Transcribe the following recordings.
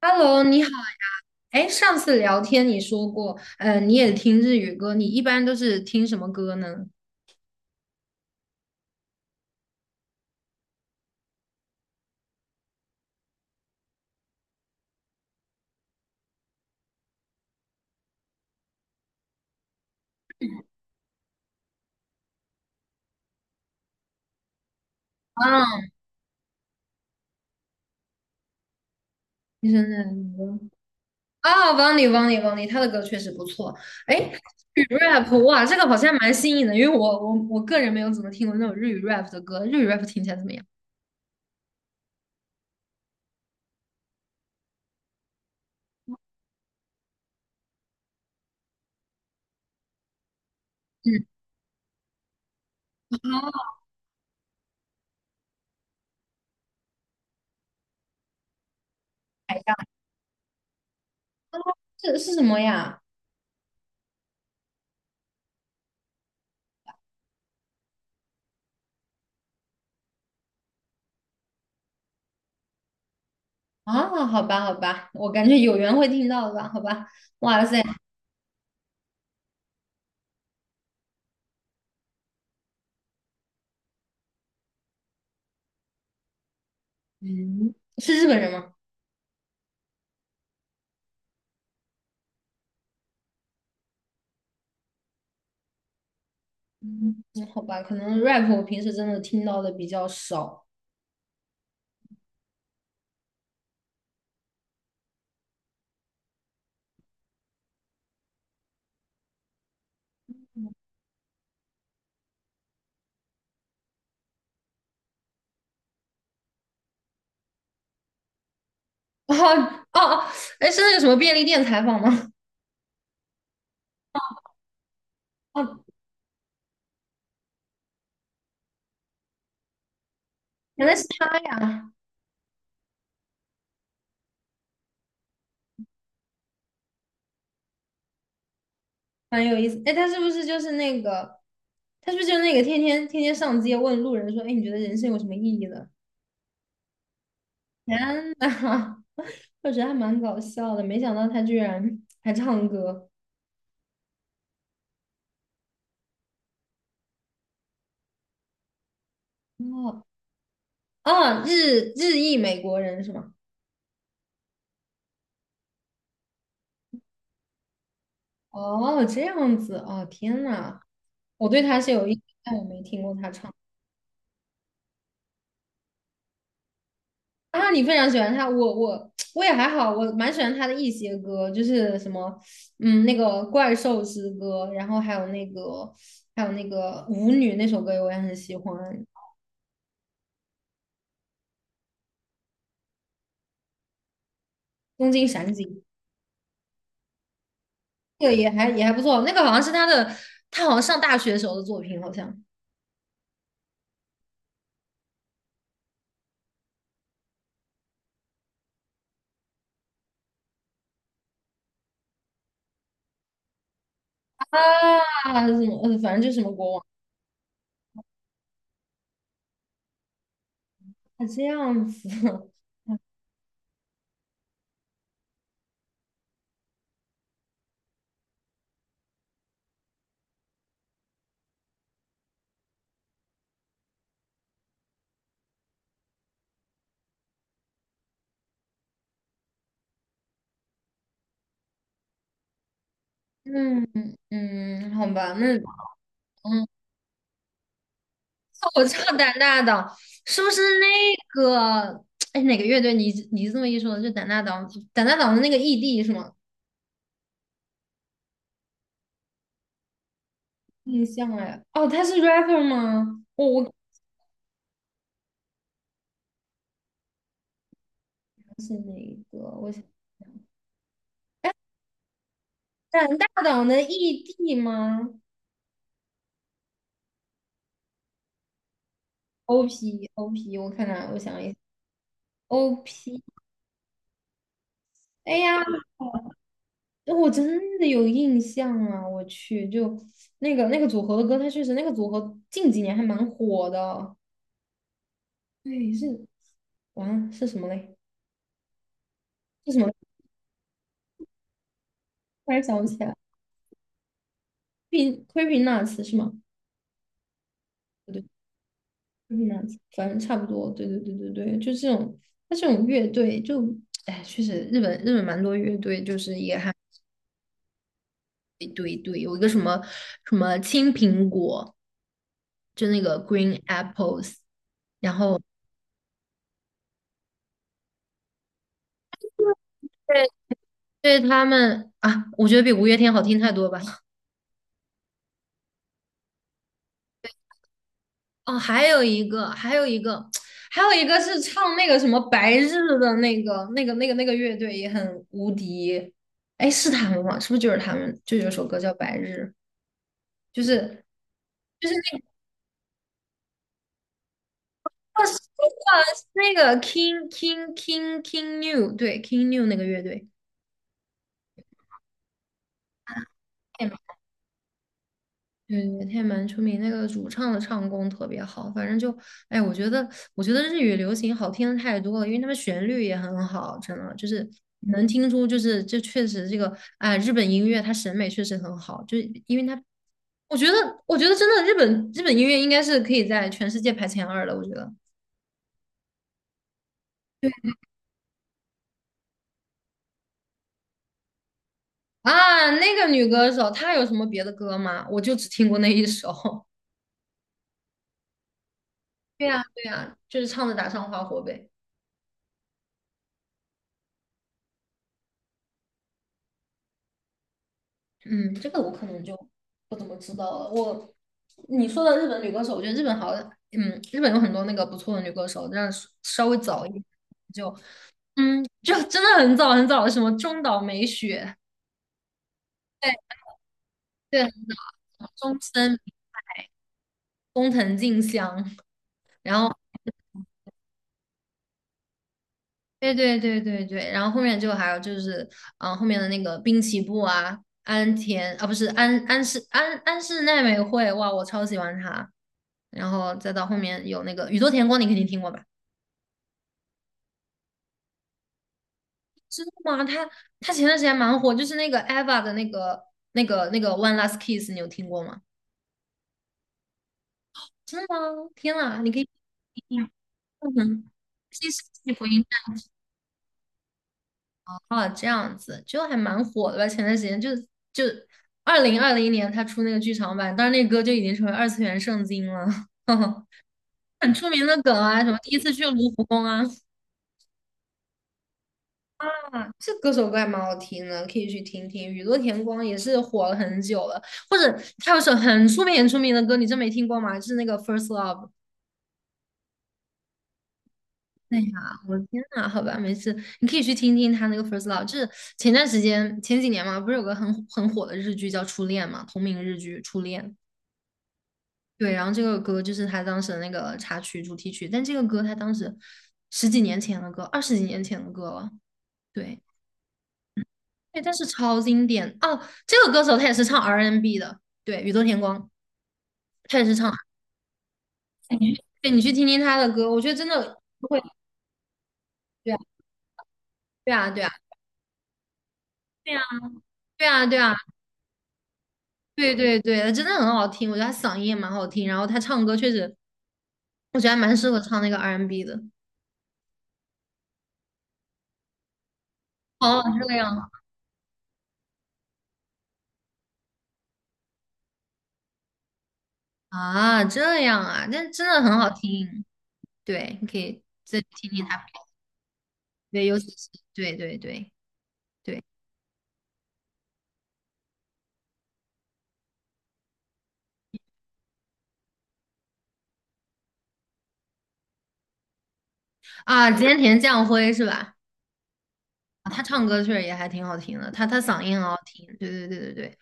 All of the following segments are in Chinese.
Hello，你好。哎，上次聊天你说过，你也听日语歌，你一般都是听什么歌呢？啊，听什么歌？啊，Vani，他的歌确实不错。哎，日语 rap，哇，这个好像蛮新颖的，因为我个人没有怎么听过那种日语 rap 的歌，日语 rap 听起来怎么样？嗯，啊，海好。啊是什么呀？啊，好吧好吧，我感觉有缘会听到的吧，好吧。哇塞，嗯，是日本人吗？嗯，好吧，可能 rap 我平时真的听到的比较少。哦哦哦，哎，是那个什么便利店采访吗？哦，原来是他呀，蛮有意思。哎，他是不是就是那个，他是不是就是那个天天上街问路人说，哎，你觉得人生有什么意义呢？天呐，我觉得还蛮搞笑的，没想到他居然还唱歌。哦哦，日裔美国人是吗？哦，这样子，哦，天呐，我对他是有印象，但我没听过他唱。啊，你非常喜欢他，我也还好，我蛮喜欢他的一些歌，就是什么，嗯，那个怪兽之歌，然后还有那个舞女那首歌我也很喜欢，东京闪景，那个也还也还不错，那个好像是他的，他好像上大学时候的作品，好像啊，什么，反正就是什么国王，啊这样子，嗯嗯，好吧，那嗯。我超胆大党，是不是那个？哎，哪个乐队？你这么一说，就胆大党，胆大党的那个 ED 是吗？印象哎，哦，他是 rapper 吗？我是哪一个？我想胆大党的 ED 吗？OP OP，我看看，我想一下 o p 哎呀，我真的有印象啊！我去，就那个组合的歌，他确实那个组合近几年还蛮火的。对，是完了是什么嘞？是什么？突然想不起来，creepy c e e p nuts 是吗？不对 q u e e p nuts，反正差不多。对对对对对，就这种，它这种乐队就，哎，确实日本蛮多乐队，就是也还一对，堆，有一个什么什么青苹果，就那个 Green Apples，然后对对他们啊，我觉得比五月天好听太多吧。哦，还有一个，还有一个，还有一个是唱那个什么白日的那个乐队也很无敌。哎，是他们吗？是不是就是他们？就有首歌叫《白日》，就是就是那个哦是那个是那个 King New，对 King New 那个乐队。对，他也蛮出名，那个主唱的唱功特别好，反正就，哎，我觉得，我觉得日语流行好听的太多了，因为他们旋律也很好，真的就是能听出，就是这确实这个，哎，日本音乐它审美确实很好，就是因为它，我觉得，我觉得真的日本音乐应该是可以在全世界排前二的，我觉得啊，那个女歌手她有什么别的歌吗？我就只听过那一首，对呀，对呀，就是唱的《打上花火呗。嗯，这个我可能就不怎么知道了。你说的日本女歌手，我觉得日本好像，嗯，日本有很多那个不错的女歌手，但是稍微早一点就，嗯，就真的很早很早，的，什么中岛美雪，对对，很早，中森、工藤静香，然后。对对对对对，然后后面就还有就是，嗯、后面的那个滨崎步啊，安田啊，不是安室奈美惠，哇，我超喜欢她。然后再到后面有那个宇多田光，你肯定听过吧？知道吗？她前段时间蛮火，就是那个 Eva 的那个那个 One Last Kiss，你有听过吗？真的吗？天啊，你可以听一下，嗯哼，西式福音。啊，这样子就还蛮火的吧？前段时间就2020年他出那个剧场版，当时那个歌就已经成为二次元圣经了，很出名的梗啊，什么第一次去卢浮宫啊，啊，这歌手歌还蛮好听的，可以去听听。雨多田光也是火了很久了，或者他有首很出名很出名的歌，你真没听过吗？就是那个《First Love》。哎呀，我的天呐，好吧，没事，你可以去听听他那个《First Love》，就是前段时间前几年嘛，不是有个很火的日剧叫《初恋》嘛，同名日剧《初恋》。对，然后这个歌就是他当时的那个插曲、主题曲，但这个歌他当时十几年前的歌，二十几年前的歌了。对，对，但是超经典哦。这个歌手他也是唱 R&B N 的，对，宇多田光，他也是唱 R&B。对，你去听听他的歌，我觉得真的会，对啊，对啊，对啊，对啊，对啊，对啊。对对对，他真的很好听，我觉得他嗓音也蛮好听，然后他唱歌确实，我觉得还蛮适合唱那个 R&B n 的。哦，这样啊，这样啊，但真的很好听。对，你可以再听听他。对，尤其是对对对对啊，菅田将晖是吧？他唱歌确实也还挺好听的，他嗓音很好听，对对对对对，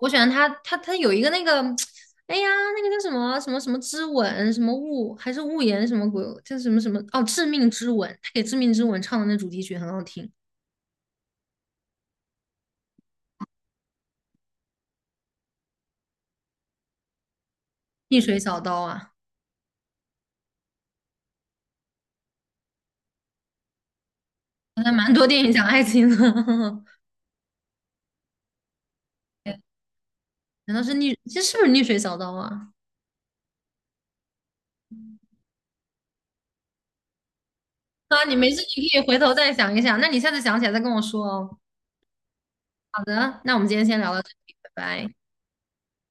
我喜欢他，他有一个那个，哎呀，那个叫什么什么什么之吻，什么雾还是雾言什么鬼，叫什么什么哦，致命之吻，他给致命之吻唱的那主题曲很好听，逆水小刀啊，好像蛮多电影讲爱情的，哎难道是逆，这是不是逆水小刀啊？啊，你没事，你可以回头再想一想，那你下次想起来再跟我说哦。好的，那我们今天先聊到这里，拜拜。